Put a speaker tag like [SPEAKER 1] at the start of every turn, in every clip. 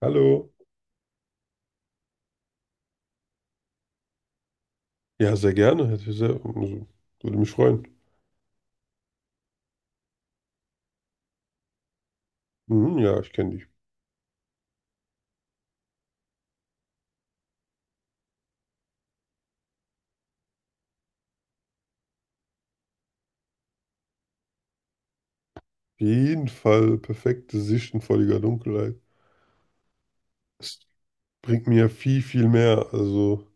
[SPEAKER 1] Hallo. Ja, sehr gerne. Hätte ich sehr, also, würde mich freuen. Mhm, ja, ich kenne dich. Auf jeden Fall perfekte Sicht in völliger Dunkelheit. Es bringt mir viel, viel mehr. Also,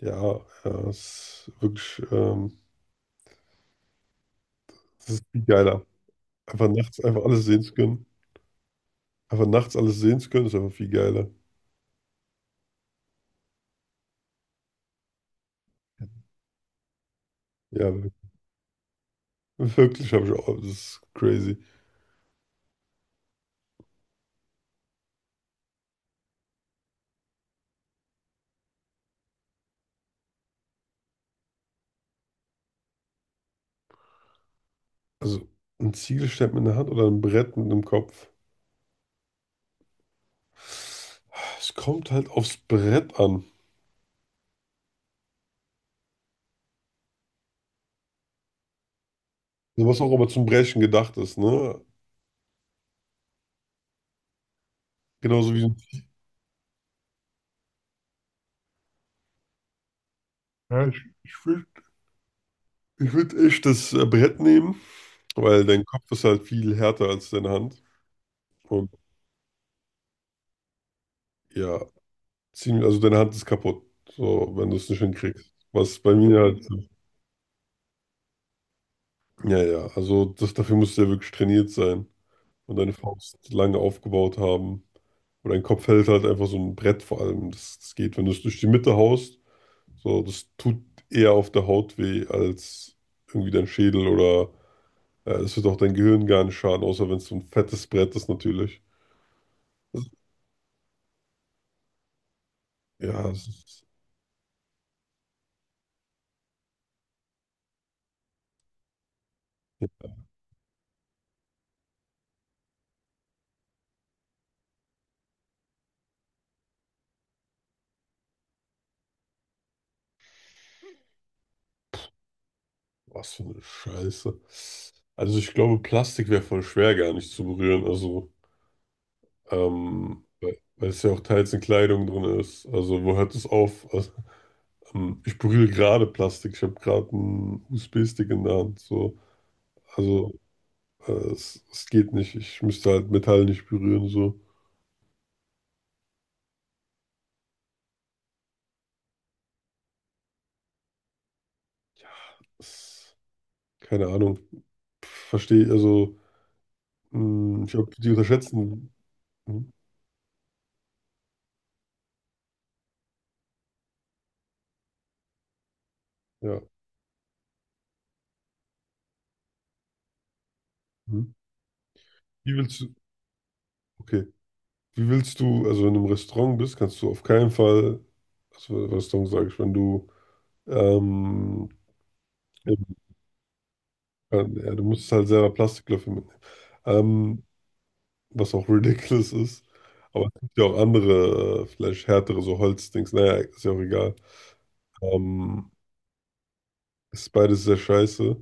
[SPEAKER 1] ja, ja, es ist wirklich, es ist viel geiler. Einfach nachts einfach alles sehen zu können. Einfach nachts alles sehen zu können, ist einfach viel geiler. Ja, wirklich habe ich auch. Das ist crazy. Also, ein Ziegelstein mit einer Hand oder ein Brett mit dem Kopf. Es kommt halt aufs Brett an. Also was auch immer zum Brechen gedacht ist, ne? Genauso wie so ein- Ja, ich würde ich würd echt das Brett nehmen, weil dein Kopf ist halt viel härter als deine Hand. Und ja, ziemlich, also deine Hand ist kaputt, so, wenn du es nicht hinkriegst. Was bei mir halt, ja, ja, also das, dafür musst du ja wirklich trainiert sein und deine Faust lange aufgebaut haben. Und dein Kopf hält halt einfach so ein Brett vor allem. Das geht, wenn du es durch die Mitte haust, so, das tut eher auf der Haut weh als irgendwie dein Schädel oder. Ja, das wird auch dein Gehirn gar nicht schaden, außer wenn es so ein fettes Brett ist natürlich. Ja, es ist, was für eine Scheiße. Also ich glaube, Plastik wäre voll schwer gar nicht zu berühren. Also, weil es ja auch teils in Kleidung drin ist. Also wo hört es auf? Also, ich berühre gerade Plastik. Ich habe gerade einen USB-Stick in der Hand. So. Also es geht nicht. Ich müsste halt Metall nicht berühren. So. Es, keine Ahnung. Verstehe, also ich glaube, die unterschätzen. Hm, ja. Mhm. Wie willst du, okay, wie willst du, also wenn du im Restaurant bist, kannst du auf keinen Fall, also Restaurant sage ich, wenn du, ähm, eben, äh, ja, du musst halt selber Plastiklöffel mitnehmen, ähm, was auch ridiculous ist, aber es gibt ja auch andere, vielleicht härtere, so Holzdings, naja, ist ja auch egal, ähm, ist beides sehr scheiße,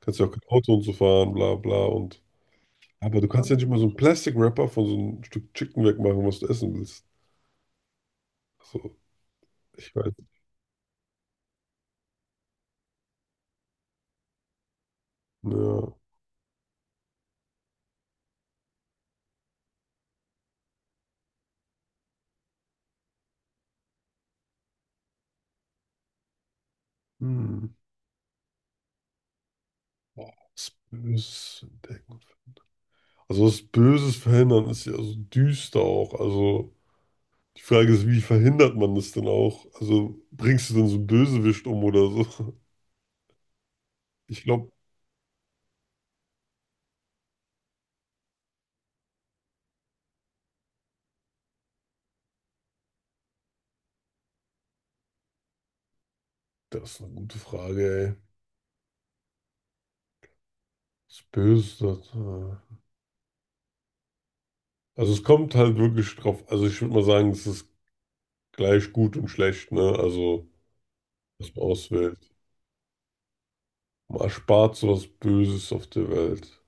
[SPEAKER 1] kannst ja auch kein Auto und so fahren, bla bla und, aber du kannst ja nicht mal so einen Plastic-Wrapper von so einem Stück Chicken wegmachen, was du essen willst, also, ich weiß, ja, hm. Was Böses entdecken. Also das Böses verhindern ist ja so düster auch. Also die Frage ist, wie verhindert man das denn auch? Also bringst du denn so einen Bösewicht um oder so? Ich glaube, das ist eine gute Frage, ey. Was Böses, das. Also es kommt halt wirklich drauf. Also ich würde mal sagen, es ist gleich gut und schlecht, ne? Also was man auswählt. Man erspart sowas Böses auf der Welt.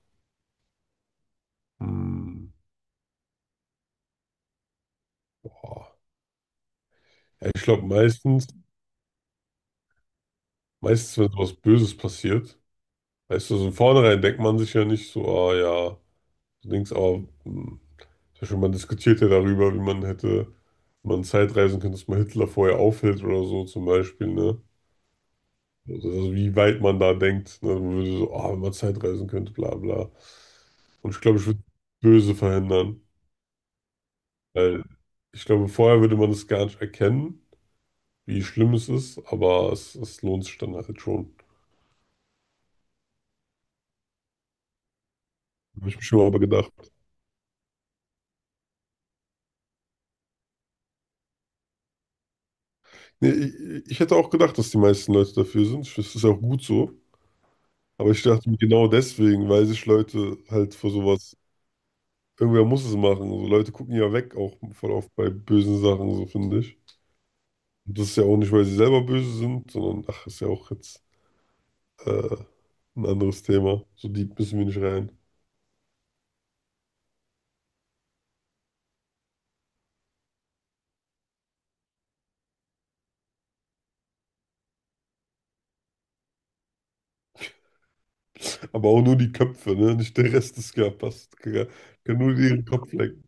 [SPEAKER 1] Hm, boah. Ja, ich glaube meistens, wenn sowas Böses passiert, weißt du, so im Vornherein denkt man sich ja nicht so, ah ja, so Dings, aber hm, zum Beispiel man diskutiert ja darüber, wie man hätte, wenn man Zeitreisen könnte, dass man Hitler vorher aufhält oder so zum Beispiel, ne? Also wie weit man da denkt, ne? Man würde so, ah, wenn man Zeitreisen könnte, bla bla. Und ich glaube, ich würde böse verhindern, weil ich glaube, vorher würde man es gar nicht erkennen, wie schlimm es ist, aber es lohnt sich dann halt schon. Habe ich mir schon mal aber gedacht. Nee, ich hätte auch gedacht, dass die meisten Leute dafür sind. Ich- Das ist ja auch gut so. Aber ich dachte mir genau deswegen, weil sich Leute halt vor sowas, irgendwer muss es machen. So Leute gucken ja weg, auch voll oft bei bösen Sachen, so finde ich. Und das ist ja auch nicht, weil sie selber böse sind, sondern ach, ist ja auch jetzt äh, ein anderes Thema. So deep müssen wir nicht rein. Aber auch nur die Köpfe, ne? Nicht der Rest des Körpers. Kann nur ihren Kopf lecken.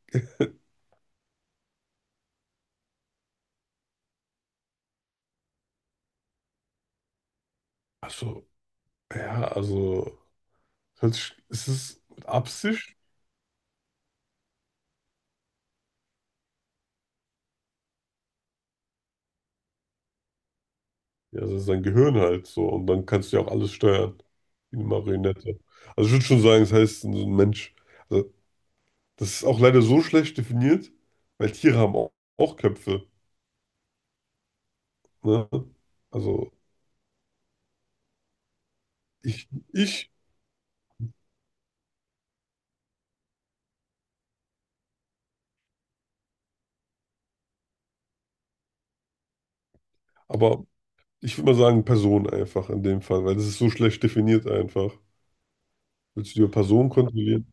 [SPEAKER 1] Also, ja, also, hört sich- ist es mit Absicht? Ja, das ist dein Gehirn halt so. Und dann kannst du ja auch alles steuern. Wie eine Marionette. Also ich würde schon sagen, das heißt so ein Mensch. Also, das ist auch leider so schlecht definiert, weil Tiere haben auch, auch Köpfe. Ne? Also ich, ich, aber ich würde mal sagen, Person einfach in dem Fall, weil das ist so schlecht definiert einfach. Willst du die Person kontrollieren?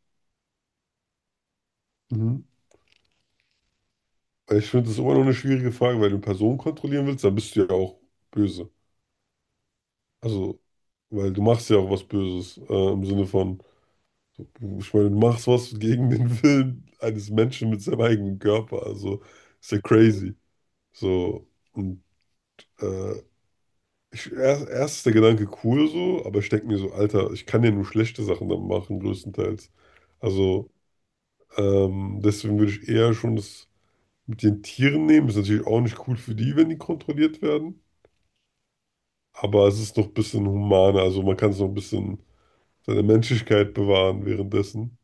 [SPEAKER 1] Mhm. Weil ich finde, das ist immer noch eine schwierige Frage, weil du Personen kontrollieren willst, dann bist du ja auch böse. Also, weil du machst ja auch was Böses, im Sinne von. Ich meine, du machst was gegen den Willen eines Menschen mit seinem eigenen Körper. Also ist ja crazy. So, und äh, erst ist der Gedanke cool so, aber ich denke mir so, Alter, ich kann ja nur schlechte Sachen dann machen, größtenteils. Also deswegen würde ich eher schon das mit den Tieren nehmen. Ist natürlich auch nicht cool für die, wenn die kontrolliert werden. Aber es ist noch ein bisschen humaner. Also man kann es noch ein bisschen seine Menschlichkeit bewahren währenddessen.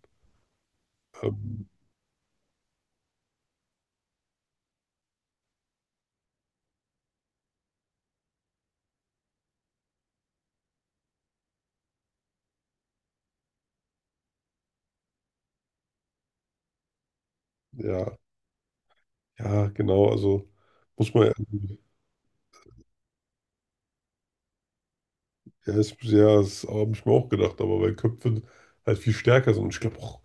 [SPEAKER 1] Ähm, ja. Ja, genau, also muss man, ja, ist, ja, das habe ich mir auch gedacht, aber weil Köpfe halt viel stärker sind. Und ich glaube auch,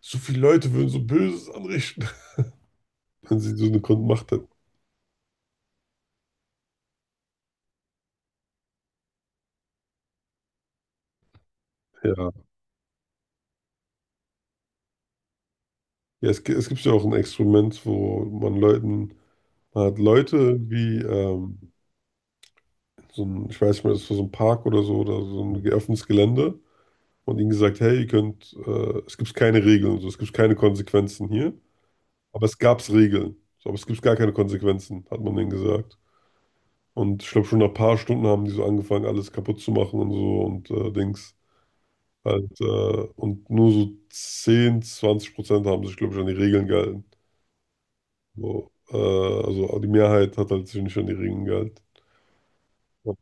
[SPEAKER 1] so viele Leute würden so Böses anrichten, wenn sie so eine Macht hätten. Ja, ja es gibt ja auch ein Experiment, wo man Leuten, man hat Leute wie, so ein, ich weiß nicht mehr, das war so ein Park oder so ein geöffnetes Gelände und ihnen gesagt, hey, ihr könnt, es gibt keine Regeln, so, es gibt keine Konsequenzen hier, aber es gab Regeln, so, aber es gibt gar keine Konsequenzen, hat man denen gesagt. Und ich glaube, schon nach ein paar Stunden haben die so angefangen, alles kaputt zu machen und so und Dings. Halt, und nur so 10 bis 20% haben sich, glaube ich, an die Regeln gehalten. So, also die Mehrheit hat halt sich nicht an die Regeln gehalten. Ja.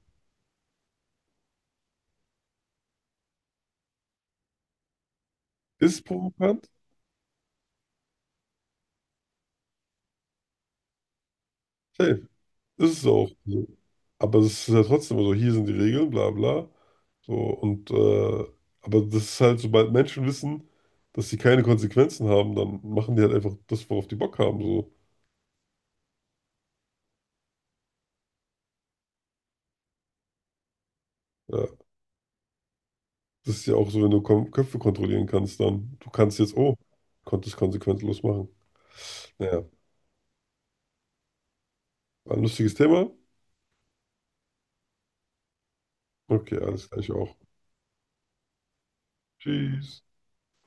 [SPEAKER 1] Ist es provokant? Safe. Ist es auch. So. Aber es ist ja trotzdem so, hier sind die Regeln, bla bla. So, und aber das ist halt, sobald Menschen wissen, dass sie keine Konsequenzen haben, dann machen die halt einfach das, worauf die Bock haben. So. Äh, Das ist ja auch so, wenn du Kom Köpfe kontrollieren kannst, dann du kannst jetzt, oh, konntest konsequenzlos machen. Naja, war ein lustiges Thema. Okay, alles gleich auch. Tschüss.